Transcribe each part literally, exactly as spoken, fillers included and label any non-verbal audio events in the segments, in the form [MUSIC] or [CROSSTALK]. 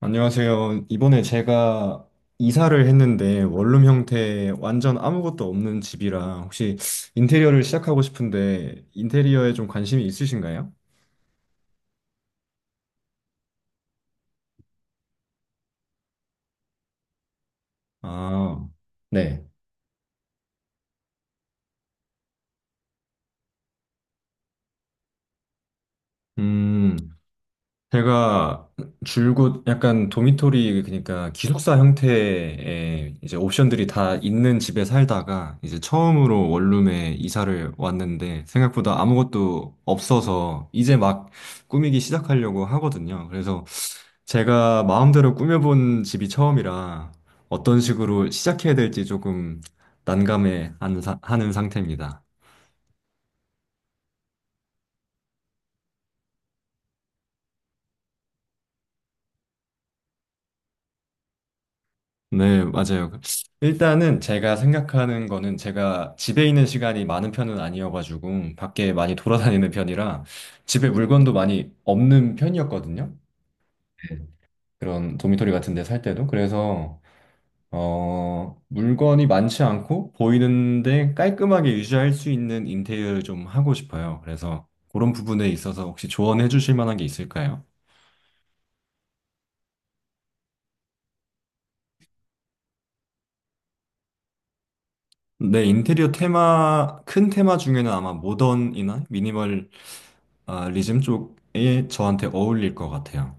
안녕하세요. 이번에 제가 이사를 했는데 원룸 형태 완전 아무것도 없는 집이라 혹시 인테리어를 시작하고 싶은데 인테리어에 좀 관심이 있으신가요? 아, 네. 음, 제가 줄곧 약간 도미토리, 그러니까 기숙사 형태의 이제 옵션들이 다 있는 집에 살다가 이제 처음으로 원룸에 이사를 왔는데 생각보다 아무것도 없어서 이제 막 꾸미기 시작하려고 하거든요. 그래서 제가 마음대로 꾸며본 집이 처음이라 어떤 식으로 시작해야 될지 조금 난감해 하는 사- 하는 상태입니다. 네, 맞아요. 일단은 제가 생각하는 거는 제가 집에 있는 시간이 많은 편은 아니어가지고 밖에 많이 돌아다니는 편이라 집에 물건도 많이 없는 편이었거든요. 그런 도미토리 같은 데 살 때도. 그래서 어, 물건이 많지 않고 보이는데 깔끔하게 유지할 수 있는 인테리어를 좀 하고 싶어요. 그래서 그런 부분에 있어서 혹시 조언해 주실 만한 게 있을까요? 네, 인테리어 테마, 큰 테마 중에는 아마 모던이나 미니멀리즘 쪽에 저한테 어울릴 것 같아요.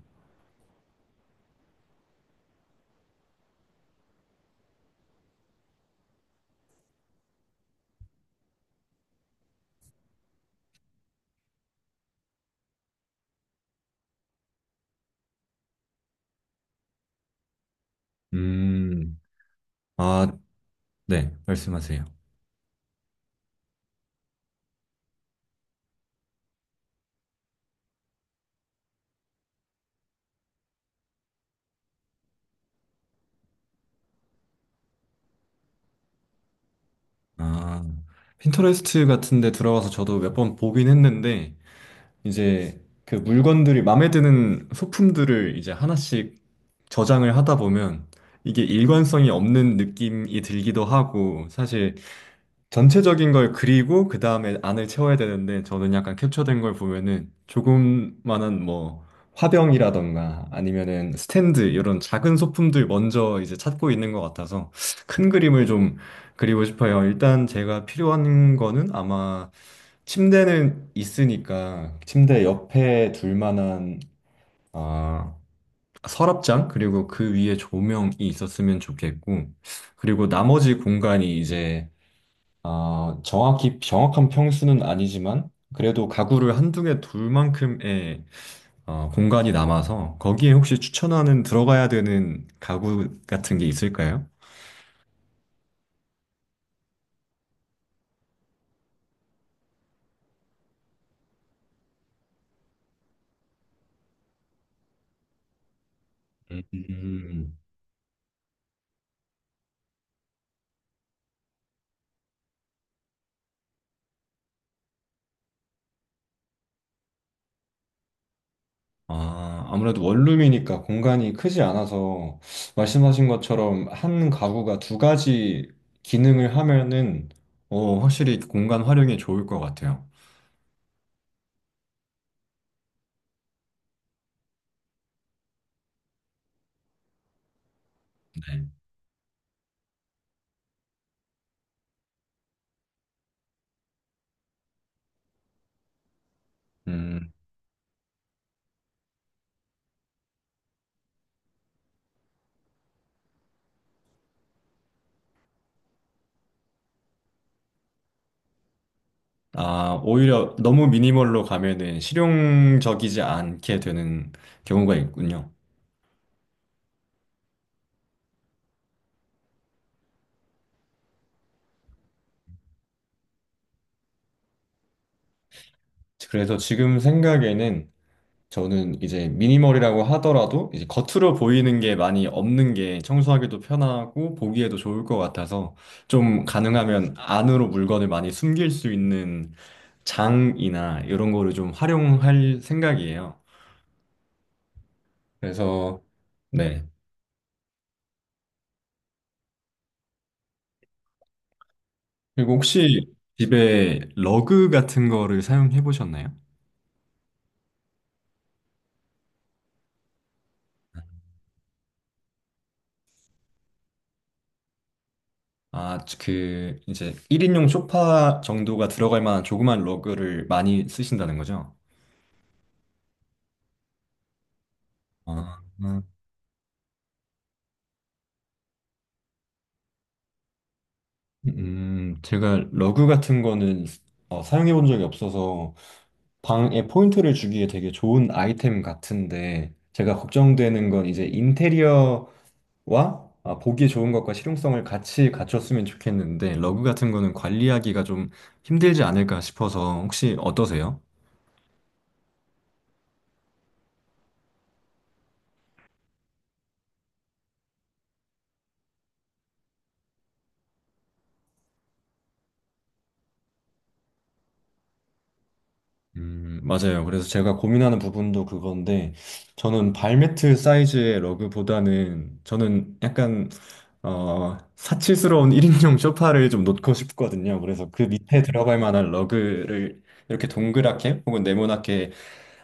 음, 아, 네, 말씀하세요. 아, 핀터레스트 같은 데 들어가서 저도 몇 번 보긴 했는데 이제 그 물건들이, 마음에 드는 소품들을 이제 하나씩 저장을 하다 보면 이게 일관성이 없는 느낌이 들기도 하고, 사실 전체적인 걸 그리고 그 다음에 안을 채워야 되는데 저는 약간 캡처된 걸 보면은 조금만한 뭐 화병이라던가 아니면은 스탠드 이런 작은 소품들 먼저 이제 찾고 있는 것 같아서 큰 그림을 좀 그리고 싶어요. 일단 제가 필요한 거는 아마 침대는 있으니까 침대 옆에 둘 만한, 아, 서랍장 그리고 그 위에 조명이 있었으면 좋겠고, 그리고 나머지 공간이 이제, 아, 정확히, 정확한 평수는 아니지만 그래도 가구를 한두 개 둘 만큼의 어, 공간이 남아서 거기에 혹시 추천하는, 들어가야 되는 가구 같은 게 있을까요? 음, 아, 아무래도 원룸이니까 공간이 크지 않아서 말씀하신 것처럼 한 가구가 두 가지 기능을 하면은 어, 확실히 공간 활용이 좋을 것 같아요. 네. 아, 오히려 너무 미니멀로 가면은 실용적이지 않게 되는 경우가 있군요. 그래서 지금 생각에는 저는 이제 미니멀이라고 하더라도 이제 겉으로 보이는 게 많이 없는 게 청소하기도 편하고 보기에도 좋을 것 같아서 좀 가능하면 안으로 물건을 많이 숨길 수 있는 장이나 이런 거를 좀 활용할 생각이에요. 그래서 네. 그리고 혹시 집에 러그 같은 거를 사용해 보셨나요? 아, 그 이제 일 인용 소파 정도가 들어갈 만한 조그만 러그를 많이 쓰신다는 거죠? 아, 음, 음, 제가 러그 같은 거는 어, 사용해 본 적이 없어서 방에 포인트를 주기에 되게 좋은 아이템 같은데, 제가 걱정되는 건 이제 인테리어와, 아, 보기 좋은 것과 실용성을 같이 갖췄으면 좋겠는데 러그 같은 거는 관리하기가 좀 힘들지 않을까 싶어서, 혹시 어떠세요? 음, 맞아요. 그래서 제가 고민하는 부분도 그건데, 저는 발매트 사이즈의 러그보다는, 저는 약간, 어, 사치스러운 [LAUGHS] 일 인용 소파를 좀 놓고 싶거든요. 그래서 그 밑에 들어갈 만한 러그를 이렇게 동그랗게 혹은 네모나게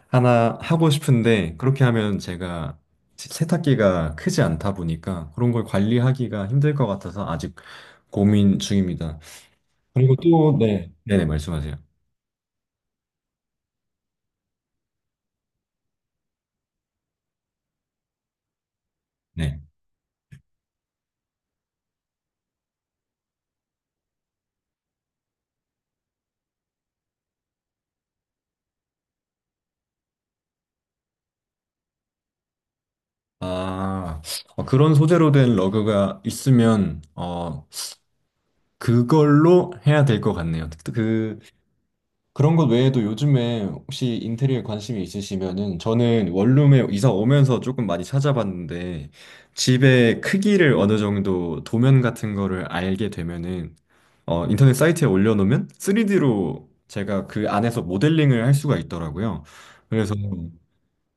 하나 하고 싶은데, 그렇게 하면 제가 세- 세탁기가 크지 않다 보니까 그런 걸 관리하기가 힘들 것 같아서 아직 고민 중입니다. 그리고 또, 네. 네네, 말씀하세요. 네. 아, 어, 그런 소재로 된 러그가 있으면, 어, 그걸로 해야 될 것 같네요. 그, 그- 그런 것 외에도 요즘에 혹시 인테리어에 관심이 있으시면은, 저는 원룸에 이사 오면서 조금 많이 찾아봤는데, 집의 크기를 어느 정도 도면 같은 거를 알게 되면은, 어, 인터넷 사이트에 올려놓으면 쓰리디로 제가 그 안에서 모델링을 할 수가 있더라고요. 그래서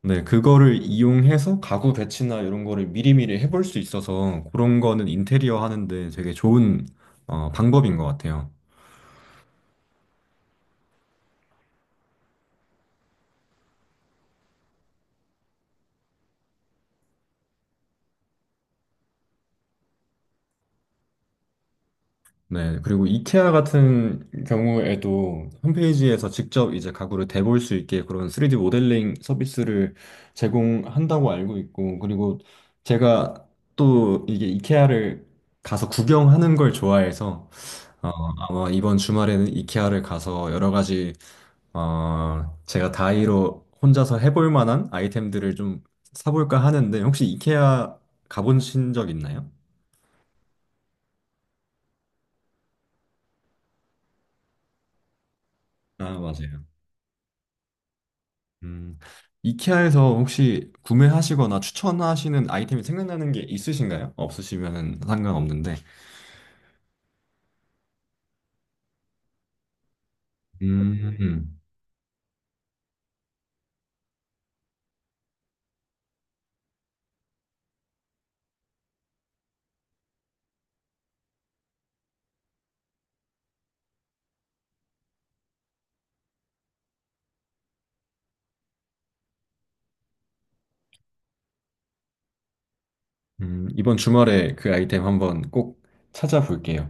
네, 그거를 이용해서 가구 배치나 이런 거를 미리미리 해볼 수 있어서 그런 거는 인테리어 하는데 되게 좋은 어, 방법인 것 같아요. 네, 그리고 이케아 같은 경우에도 홈페이지에서 직접 이제 가구를 대볼 수 있게 그런 쓰리디 모델링 서비스를 제공한다고 알고 있고, 그리고 제가 또 이게 이케아를 가서 구경하는 걸 좋아해서 어, 아마 이번 주말에는 이케아를 가서 여러 가지 어, 제가 다이로 혼자서 해볼 만한 아이템들을 좀 사볼까 하는데, 혹시 이케아 가보신 적 있나요? 아, 맞아요. 음, 이케아에서 혹시 구매하시거나 추천하시는 아이템이 생각나는 게 있으신가요? 없으시면 상관없는데. 음, 음, 이번 주말에 그 아이템 한번 꼭 찾아볼게요.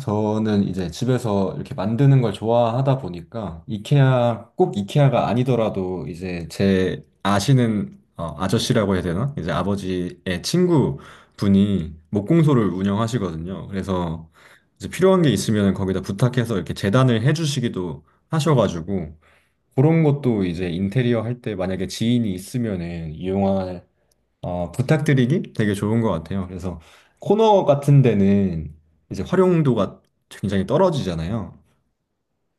저는 이제 집에서 이렇게 만드는 걸 좋아하다 보니까 이케아, 꼭 이케아가 아니더라도 이제 제 아시는, 어, 아저씨라고 해야 되나? 이제 아버지의 친구 분이 목공소를 운영하시거든요. 그래서 이제 필요한 게 있으면 거기다 부탁해서 이렇게 재단을 해주시기도 하셔가지고 그런 것도 이제 인테리어 할 때 만약에 지인이 있으면은 이용할, 어, 부탁드리기 되게 좋은 것 같아요. 그래서 코너 같은 데는 이제 활용도가 굉장히 떨어지잖아요.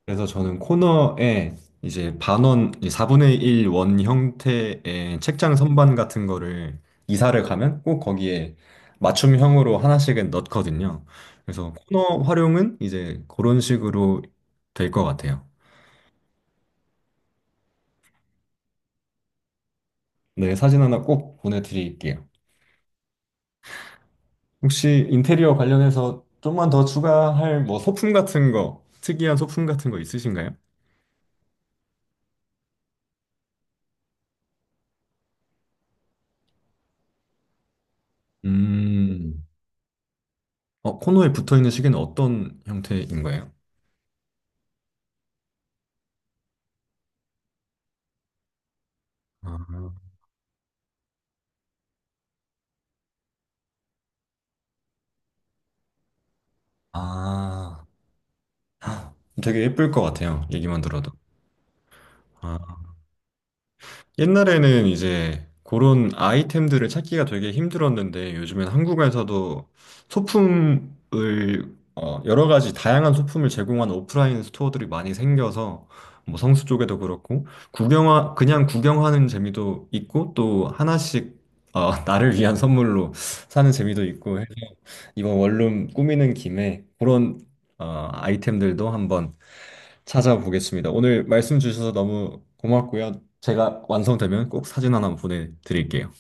그래서 저는 코너에 이제 반원, 이제 사분의 일 원 형태의 책장 선반 같은 거를 이사를 가면 꼭 거기에 맞춤형으로 하나씩은 넣거든요. 그래서 코너 활용은 이제 그런 식으로 될 것 같아요. 네, 사진 하나 꼭 보내드릴게요. 혹시 인테리어 관련해서 좀만 더 추가할 뭐 소품 같은 거, 특이한 소품 같은 거 있으신가요? 음, 어, 코너에 붙어 있는 시계는 어떤 형태인 거예요? 아, 아, 되게 예쁠 것 같아요. 얘기만 들어도. 아. 옛날에는 이제 그런 아이템들을 찾기가 되게 힘들었는데 요즘엔 한국에서도 소품을, 어, 여러 가지 다양한 소품을 제공하는 오프라인 스토어들이 많이 생겨서 뭐 성수 쪽에도 그렇고 구경하 그냥 구경하는 재미도 있고 또 하나씩 어, [LAUGHS] 나를 위한 선물로 사는 재미도 있고 이번 원룸 꾸미는 김에 그런 어, 아이템들도 한번 찾아보겠습니다. 오늘 말씀 주셔서 너무 고맙고요. 제가 완성되면 꼭 사진 하나 보내드릴게요.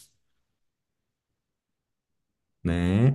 네.